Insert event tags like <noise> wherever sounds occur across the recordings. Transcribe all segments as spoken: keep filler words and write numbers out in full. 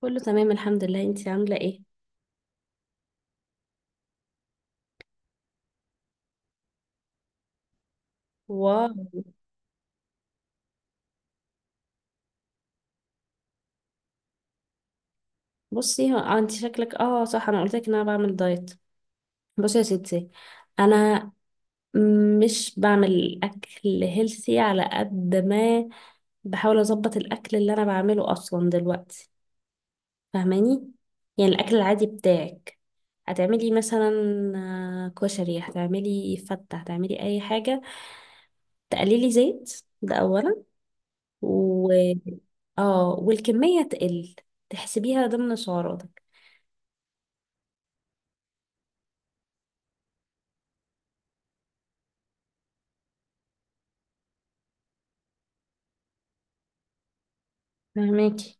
كله تمام الحمد لله، انتي عاملة ايه؟ واو. بصي هو- اه انتي شكلك، اه صح، انا قلت لك ان انا بعمل دايت. بصي يا ستي، انا مش بعمل اكل هيلثي على قد ما بحاول اظبط الاكل اللي انا بعمله اصلا دلوقتي، فاهماني؟ يعني الاكل العادي بتاعك، هتعملي مثلا آه، كشري، هتعملي فتة، هتعملي اي حاجة، تقللي زيت ده اولا، و... اه، والكمية تقل، تحسبيها ضمن سعراتك. فهماكي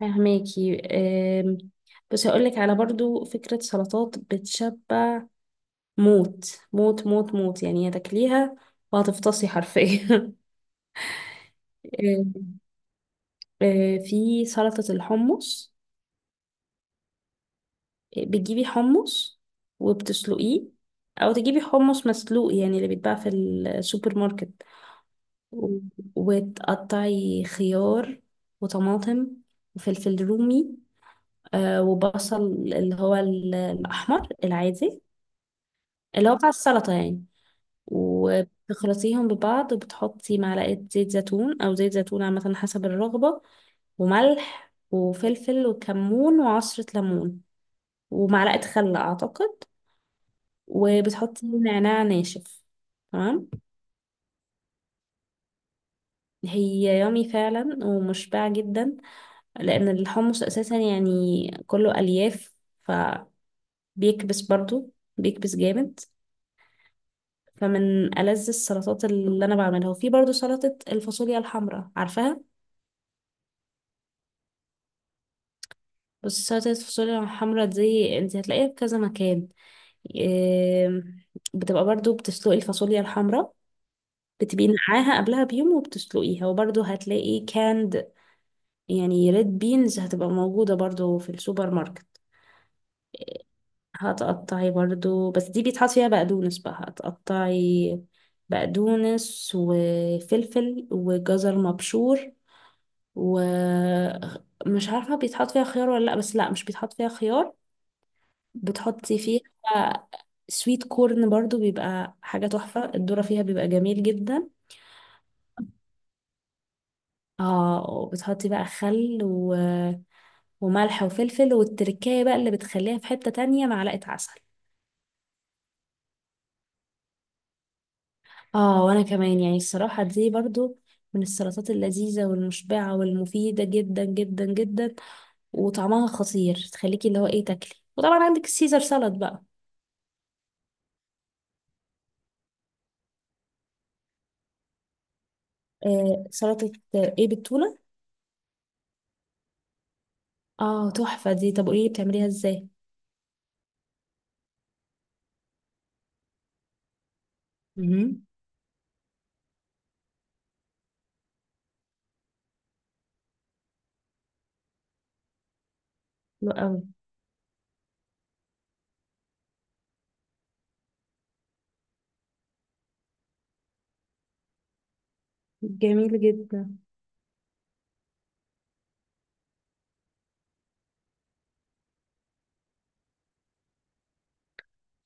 فهماكي أم، بس هقول لك على برضو فكرة سلطات بتشبع موت موت موت موت، يعني هتاكليها وهتفطسي حرفيا <laughs> أم، أه، في سلطة الحمص. آه، بتجيبي حمص وبتسلقيه، او تجيبي حمص مسلوق يعني اللي بيتباع في السوبر ماركت، و- وتقطعي خيار وطماطم وفلفل رومي، آه، وبصل، اللي هو ال- الأحمر العادي، اللي هو بتاع السلطة يعني. وبتخلطيهم ببعض، وبتحطي معلقة زيت زيتون أو زيت زيتون عامة حسب الرغبة، وملح وفلفل وكمون وعصرة ليمون، ومعلقة خل أعتقد، وبتحطي نعناع ناشف. تمام. هي يامي فعلا ومشبعة جدا، لأن الحمص أساسا يعني كله ألياف، فبيكبس برضو، بيكبس جامد. فمن ألذ السلطات اللي أنا بعملها. وفي برضو سلطة الفاصوليا الحمراء، عارفاها؟ بص، سلطة الفاصوليا الحمرا دي انت هتلاقيها في كذا مكان. إيه، بتبقى برضو بتسلقي الفاصوليا الحمرا، بتبقي نقعاها قبلها بيوم وبتسلقيها، وبرضو هتلاقي كاند، يعني ريد بينز هتبقى موجودة برضو في السوبر ماركت. هتقطعي برضو، بس دي بيتحط فيها بقدونس بقى، هتقطعي بقدونس وفلفل وجزر مبشور، ومش عارفة بيتحط فيها خيار ولا لأ، بس لأ مش بيتحط فيها خيار. بتحطي فيها سويت كورن برضو، بيبقى حاجة تحفة، الذرة فيها بيبقى جميل جدا. اه، وبتحطي بقى خل و... وملح وفلفل والتركاية بقى اللي بتخليها في حتة تانية، معلقة عسل. اه وانا كمان، يعني الصراحة دي برضو من السلطات اللذيذة والمشبعة والمفيدة جدا جدا جدا، وطعمها خطير تخليكي اللي هو ايه، تاكلي. وطبعا عندك السيزر سلطة بقى. آه سلطة ايه، بالتونة؟ اه تحفة دي. طب قوليلي بتعمليها ازاي؟ مهم. حلو قوي. جميل جدا.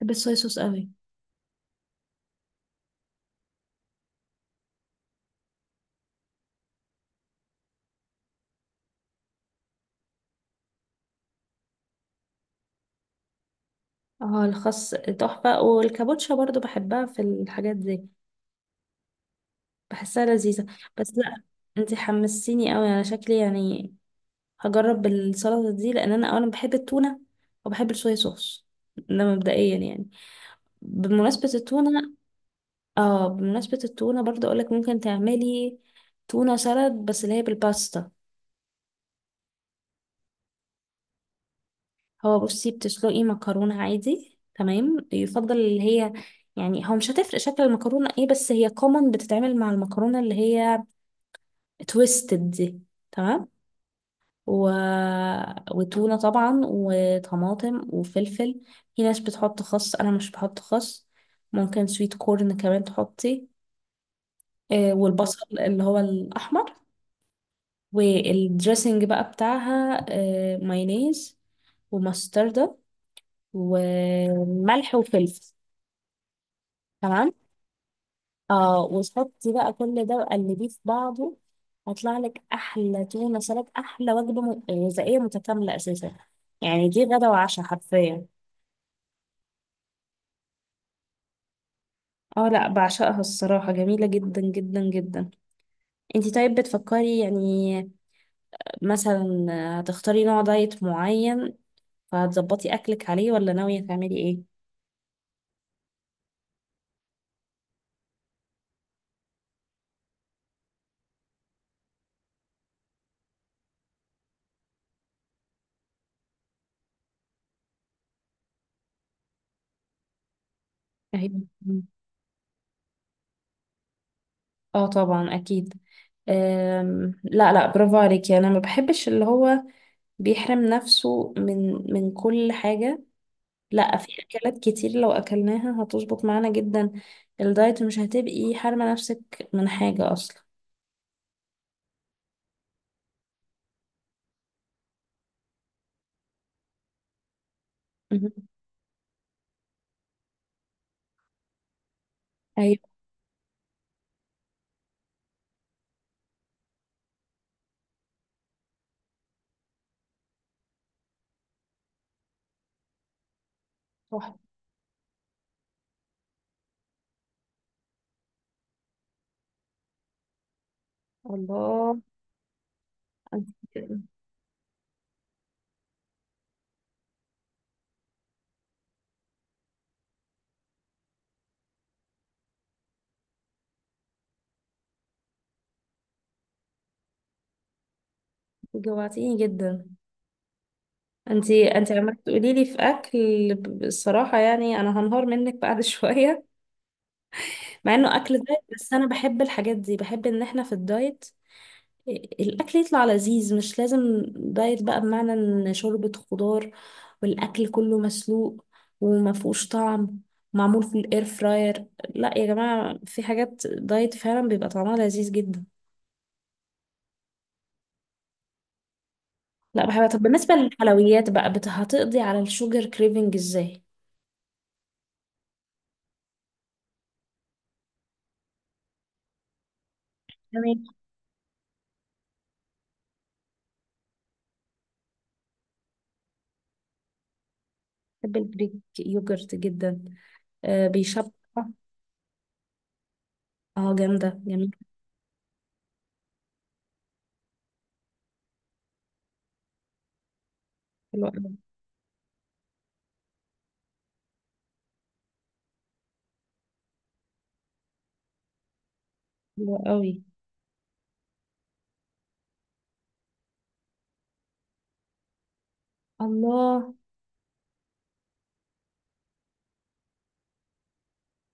بحب الصويا صوص قوي. اه الخس تحفة، والكابوتشا برضو بحبها في الحاجات دي، بحسها لذيذة. بس لا، انتي حمسيني قوي على شكلي يعني، هجرب السلطة دي لان انا اولا بحب التونة، وبحب الصويا صوص، ده مبدئيا يعني. بمناسبة التونة، اه بمناسبة التونة برضو اقولك ممكن تعملي تونة سلad، بس اللي هي بالباستا. هو بصي، بتسلقي مكرونة عادي تمام، يفضل اللي هي، يعني هو مش هتفرق شكل المكرونة ايه، بس هي كومن بتتعمل مع المكرونة اللي هي تويستد دي. تمام. و... وتونة طبعا، وطماطم وفلفل، في ناس بتحط خس انا مش بحط خس، ممكن سويت كورن كمان تحطي، آه، والبصل اللي هو الأحمر. والدريسنج بقى بتاعها آه، مايونيز ومستردة وملح وفلفل. تمام. اه وتحطي بقى كل ده وقلبيه في بعضه، هيطلع لك احلى تونه سلطه، احلى وجبه م- غذائيه متكامله اساسا. يعني دي غدا وعشاء حرفيا. اه لا، بعشقها الصراحة، جميلة جدا جدا جدا. انتي طيب بتفكري يعني مثلا هتختاري نوع دايت معين فهتظبطي اكلك عليه، ولا ناوية تعملي ايه؟ أيوة. اه طبعا اكيد. أم، لا لا، برافو عليكي. انا ما بحبش اللي هو بيحرم نفسه من من كل حاجة. لا، في اكلات كتير لو اكلناها هتظبط معانا جدا، الدايت مش هتبقي حارمة نفسك من حاجة اصلا. مهم. ايوه. صح. الله. انت جوعتيني جدا، انت انت عمالة تقولي لي في اكل. ب- الصراحة يعني انا هنهار منك بعد <laughs> شوية، مع انه اكل دايت، بس انا بحب الحاجات دي، بحب ان احنا في الدايت الاكل يطلع لذيذ، مش لازم دايت بقى بمعنى ان شوربة خضار والاكل كله مسلوق وما فيهوش طعم، معمول في الاير فراير. لا يا جماعة، في حاجات دايت فعلا بيبقى طعمها لذيذ جدا. لا بحبها. طب بالنسبة للحلويات بقى، بت- هتقضي على الشوجر كريفنج ازاي؟ تمام. بحب الجريك يوجرت جدا، آه بيشبع. اه جامدة، جميل. حلوة قوي. حلوة قوي. الله.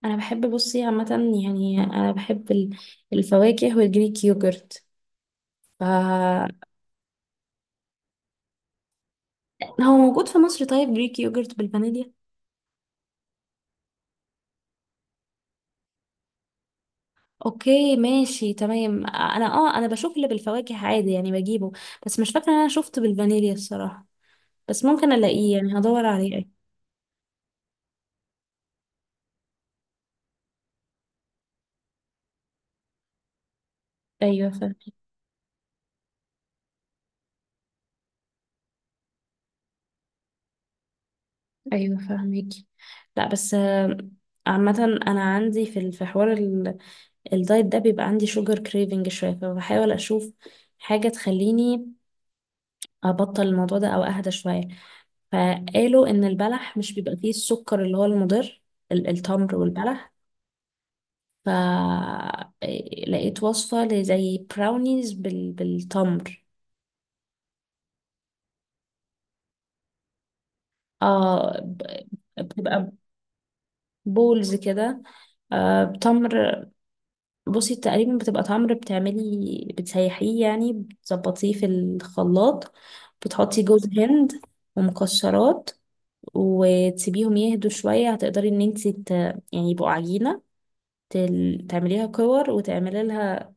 انا بحب بصي عامه، يعني انا بحب ال- الفواكه والجريك يوجرت، ف... هو موجود في مصر طيب جريك يوجرت بالفانيليا؟ اوكي ماشي تمام. انا اه انا بشوف اللي بالفواكه عادي يعني بجيبه، بس مش فاكره ان انا شفت بالفانيليا الصراحه، بس ممكن الاقيه يعني هدور عليه. ايوه فاهمك. ايوه فاهمك. لا بس آه، عامة أنا عندي في ال- في حوار ال- الدايت ده، بيبقى عندي شوجر كريفنج شوية، فبحاول أشوف حاجة تخليني ابطل الموضوع ده او اهدى شويه. فقالوا ان البلح مش بيبقى فيه السكر اللي هو المضر، ال- التمر والبلح. فلقيت وصفة لزي براونيز بال... بالتمر. اه، ب- بتبقى بولز كده، آه بتمر. بصي تقريبا بتبقى تمر، بتعملي بتسيحيه يعني بتظبطيه في الخلاط، بتحطي جوز هند ومكسرات، وتسيبيهم يهدوا شوية، هتقدري ان انتي ت... يعني يبقوا عجينة، تل- تعمليها كور وتعملي لها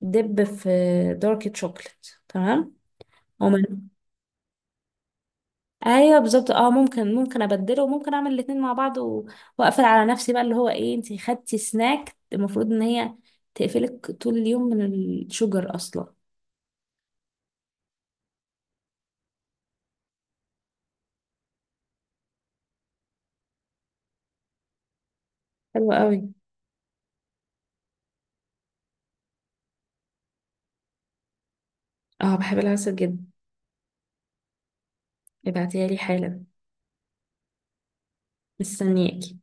دب في دارك تشوكلت. تمام. ومن... ايوه بالظبط. اه ممكن، ممكن ابدله وممكن اعمل الاتنين مع بعض و... واقفل على نفسي بقى اللي هو ايه، انتي خدتي سناك المفروض ان هي تقفلك طول اليوم من الشجر اصلا. حلوة قوي. اه بحب العسل جدا. ابعتيها لي حالا. مستنياكي.